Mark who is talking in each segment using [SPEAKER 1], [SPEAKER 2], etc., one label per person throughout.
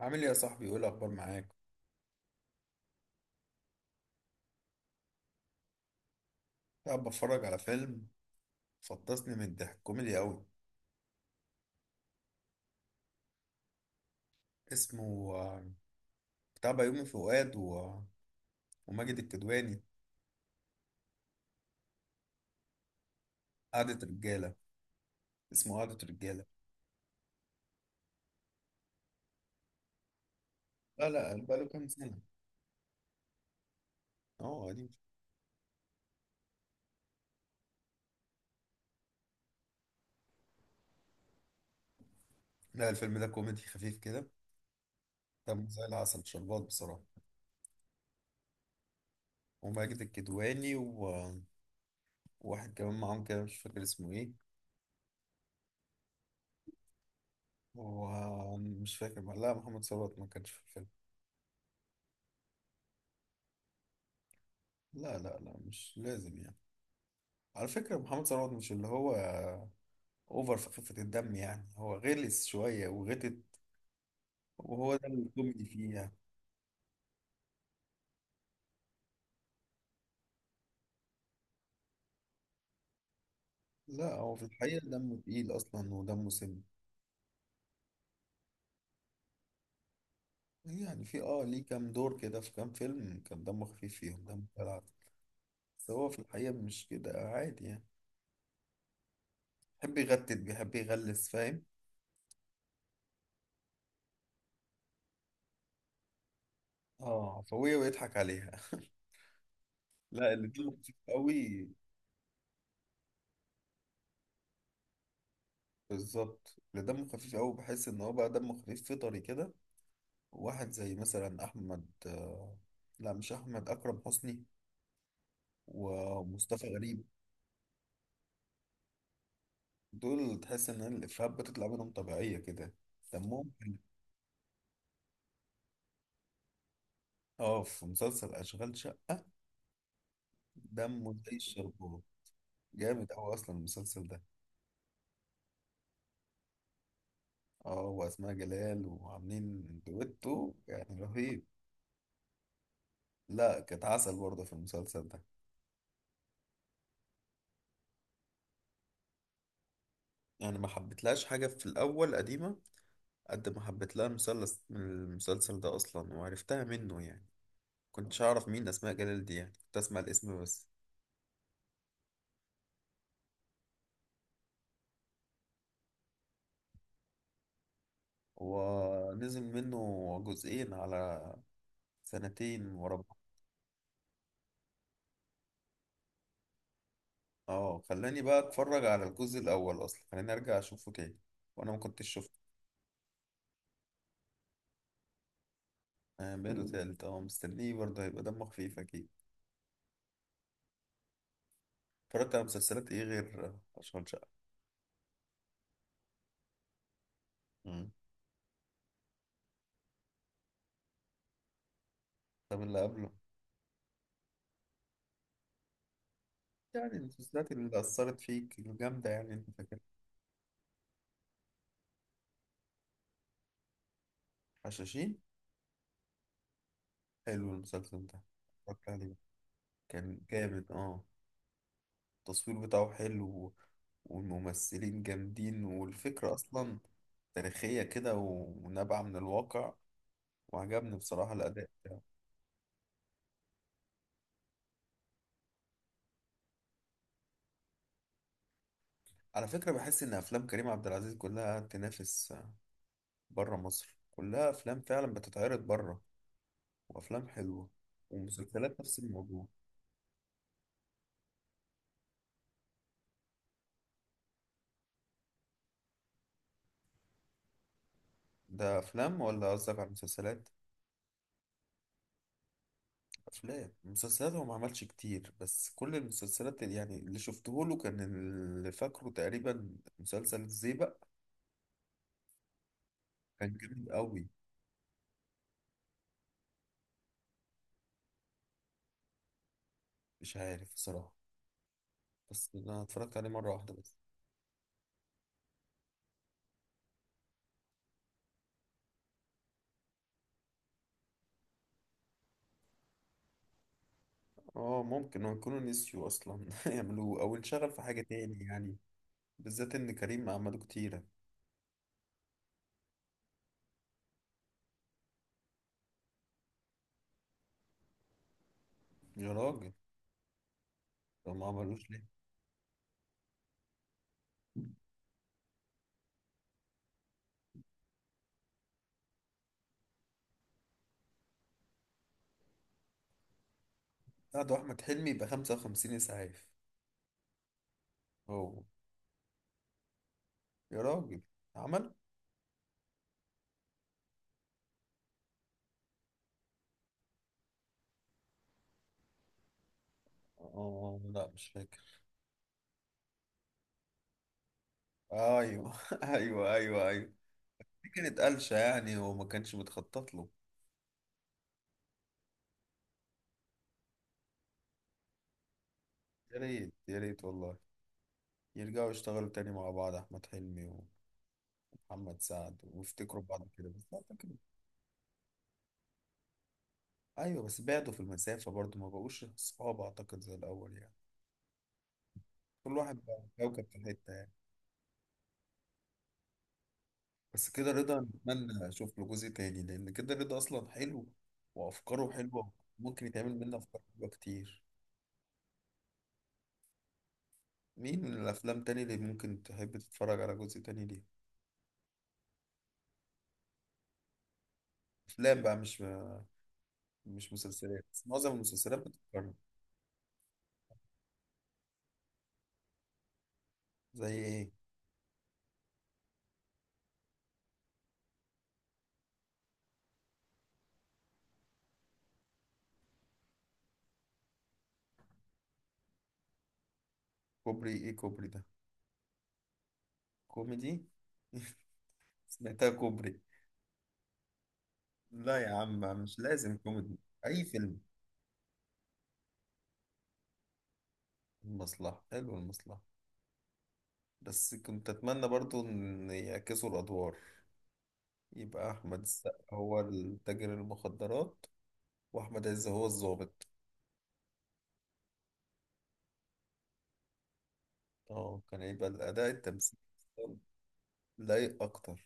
[SPEAKER 1] عامل ايه يا صاحبي؟ ايه الاخبار معاك؟ قاعد بتفرج على فيلم. فطسني من الضحك، كوميدي قوي. اسمه بتاع بيومي فؤاد وماجد الكدواني. قعدة رجالة، اسمه قعدة رجالة. لا لا، بقاله كام سنة. اه قديم. لا الفيلم ده كوميدي خفيف كده، دمه زي العسل شربات بصراحة. وماجد الكدواني وواحد كمان معاهم كده مش فاكر اسمه ايه. ومش فاكر، لا محمد ثروت ما كانش في الفيلم. لا لا لا، مش لازم يعني. على فكرة محمد ثروت مش اللي هو اوفر في خفة الدم، يعني هو غلس شوية وغتت، وهو ده الكوميدي فيه يعني. لا هو في الحقيقة دمه تقيل أصلا ودمه سم. يعني في اه ليه كام دور كده، في كام فيلم كان دمه خفيف فيهم، دمه جدع. بس هو في الحقيقة مش كده عادي يعني. بيحب يغتت، بيحب يغلس، فاهم؟ اه عفوية ويضحك عليها. لا اللي دمه خفيف قوي، بالظبط اللي دمه خفيف قوي، بحس ان هو بقى دمه خفيف فطري كده. واحد زي مثلا احمد، لا مش احمد، اكرم حسني ومصطفى غريب. دول تحس ان الافيهات بتطلع منهم طبيعيه كده، دمهم حلو. اه في مسلسل اشغال شقه، دمه زي الشربور. جامد اوي اصلا المسلسل ده. اه واسماء جلال، وعاملين دويتو يعني رهيب. لا كانت عسل برضه في المسلسل ده. يعني ما حبيتلهاش حاجه في الاول قديمه، قد ما حبيت لها المسلسل من المسلسل ده اصلا وعرفتها منه يعني. كنتش اعرف مين اسماء جلال دي يعني، كنت اسمع الاسم بس. ونزل منه جزئين على سنتين ورا بعض. اه خلاني بقى اتفرج على الجزء الاول اصلا، خلاني ارجع اشوفه تاني وانا ما كنتش شفته. آه بقاله تالت، اه مستنيه برضه، هيبقى دمه خفيف اكيد. اتفرجت على مسلسلات ايه غير اشغال شقة؟ مم. طب اللي قبله؟ يعني المسلسلات اللي اثرت فيك الجامدة، يعني انت فاكر؟ حشاشين. حلو المسلسل ده، اتفرجت عليه، كان جامد اه. التصوير بتاعه حلو، والممثلين جامدين، والفكرة اصلا تاريخية كده ونابعة من الواقع، وعجبني بصراحة الأداء بتاعه. على فكرة بحس إن أفلام كريم عبد العزيز كلها تنافس بره مصر، كلها أفلام فعلا بتتعرض بره، وأفلام حلوة. ومسلسلات نفس الموضوع. ده أفلام ولا قصدك على المسلسلات؟ أفلام مسلسلات هو ما عملش كتير، بس كل المسلسلات اللي يعني اللي شفته له، كان اللي فاكره تقريبا مسلسل الزيبق. كان جامد قوي. مش عارف بصراحة، بس أنا اتفرجت عليه مرة واحدة بس. اه ممكن هو يكونوا نسيوا أصلا يعملوه، أو انشغل في حاجة تاني يعني، بالذات ان كريم عملوه كتيرة. يا راجل، طب ما عملوش ليه؟ لا ده احمد حلمي، يبقى 55 اسعاف. هو يا راجل عمل. اه لا مش فاكر. ايوه ايوه ايوه ايوه. دي كانت قلشة يعني، وما كانش متخطط له. يا ريت يا ريت والله، يرجعوا يشتغلوا تاني مع بعض، احمد حلمي ومحمد سعد، ويفتكروا بعض كده بس اعتقد. ايوه بس بعدوا في المسافة برضو، ما بقوش صحاب اعتقد زي الاول يعني، كل واحد بقى كوكب في حتة يعني. بس كده رضا، نتمنى اشوف له جزء تاني، لان كده رضا اصلا حلو وافكاره حلوه، ممكن يتعمل منه افكار حلوه كتير. مين من الافلام تاني اللي ممكن تحب تتفرج على جزء تاني ليه؟ افلام بقى، مش مسلسلات بس معظم المسلسلات بتتكرر. زي ايه؟ كوبري ايه كوبري ده؟ كوميدي. سمعتها كوبري. لا يا عم مش لازم كوميدي، اي فيلم. المصلحه، حلو المصلحه. بس كنت اتمنى برضو ان يعكسوا الادوار، يبقى أحمد السقا هو التاجر المخدرات، وأحمد عز هو الضابط. اه كان هيبقى الأداء التمثيلي أصلاً لايق أكتر.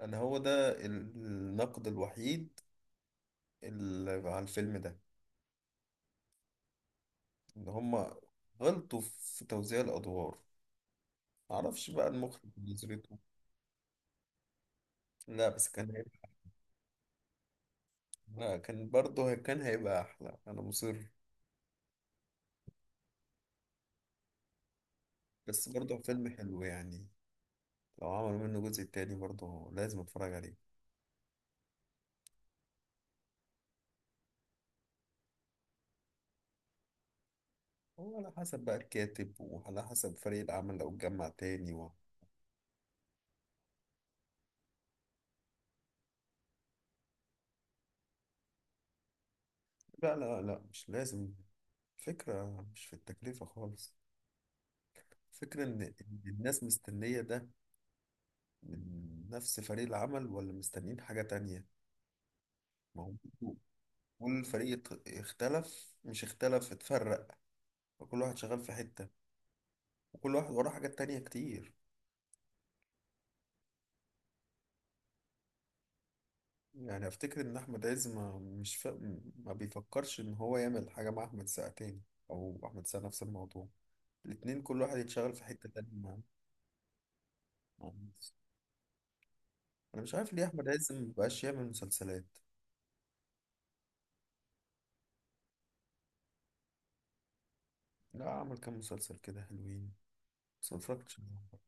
[SPEAKER 1] أنا هو ده النقد الوحيد اللي على الفيلم ده، إن هما غلطوا في توزيع الأدوار، معرفش بقى المخرج نظرته. لا بس كان هيبقى، لا كان برضه كان هيبقى أحلى، أنا مصر. بس برضه فيلم حلو يعني، لو عملوا منه جزء تاني برضه لازم أتفرج عليه. هو على حسب بقى الكاتب، وعلى حسب فريق العمل لو اتجمع تاني لا لا لا مش لازم، فكرة مش في التكلفة خالص، فكرة إن الناس مستنية ده من نفس فريق العمل، ولا مستنيين حاجة تانية. ما هو برضو كل فريق اختلف، مش اختلف، اتفرق، وكل واحد شغال في حتة، وكل واحد وراه حاجات تانية كتير. يعني أفتكر إن أحمد عز ما مش ما بيفكرش إن هو يعمل حاجة مع أحمد سقا تاني، أو أحمد سقا نفس الموضوع. الاتنين كل واحد يتشغل في حتة تانية مع مع الناس. أنا مش عارف ليه أحمد عز مبقاش يعمل مسلسلات. لا عمل كام مسلسل كده حلوين، بس متفرجتش عليهم.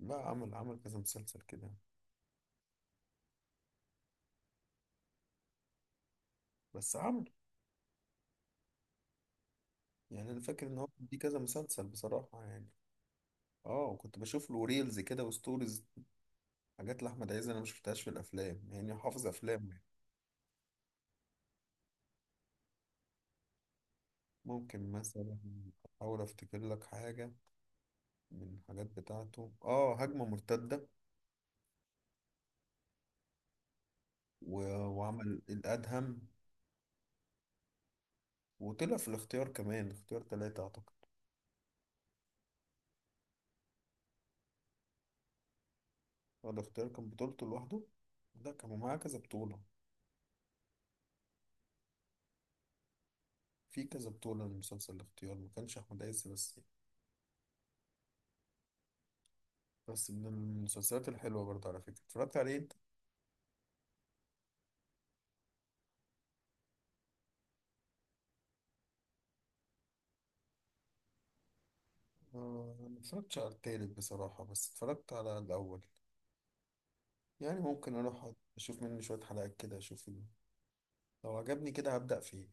[SPEAKER 1] لا عمل عمل كذا مسلسل كده. بس عمل، يعني أنا فاكر إن هو دي كذا مسلسل بصراحة يعني. اه وكنت بشوف له ريلز كده وستوريز، حاجات لأحمد عز أنا مشفتهاش في الأفلام، يعني حافظ أفلامه يعني. ممكن مثلا أحاول أفتكر لك حاجة من الحاجات بتاعته. اه هجمة مرتدة و... وعمل الأدهم، وطلع في الاختيار كمان، اختيار تلاتة أعتقد. هو الاختيار كان بطولته لوحده؟ لا كان معاه كذا بطولة، في كذا بطولة لمسلسل الاختيار، ما كانش أحمد عز بس يعني. بس من المسلسلات الحلوة برضه، على فكرة اتفرجت عليه أنت؟ آه، ما اتفرجتش على التالت بصراحة، بس اتفرجت على الأول. يعني ممكن أروح أشوف منه شوية حلقات كده، أشوف لو عجبني كده هبدأ فيه.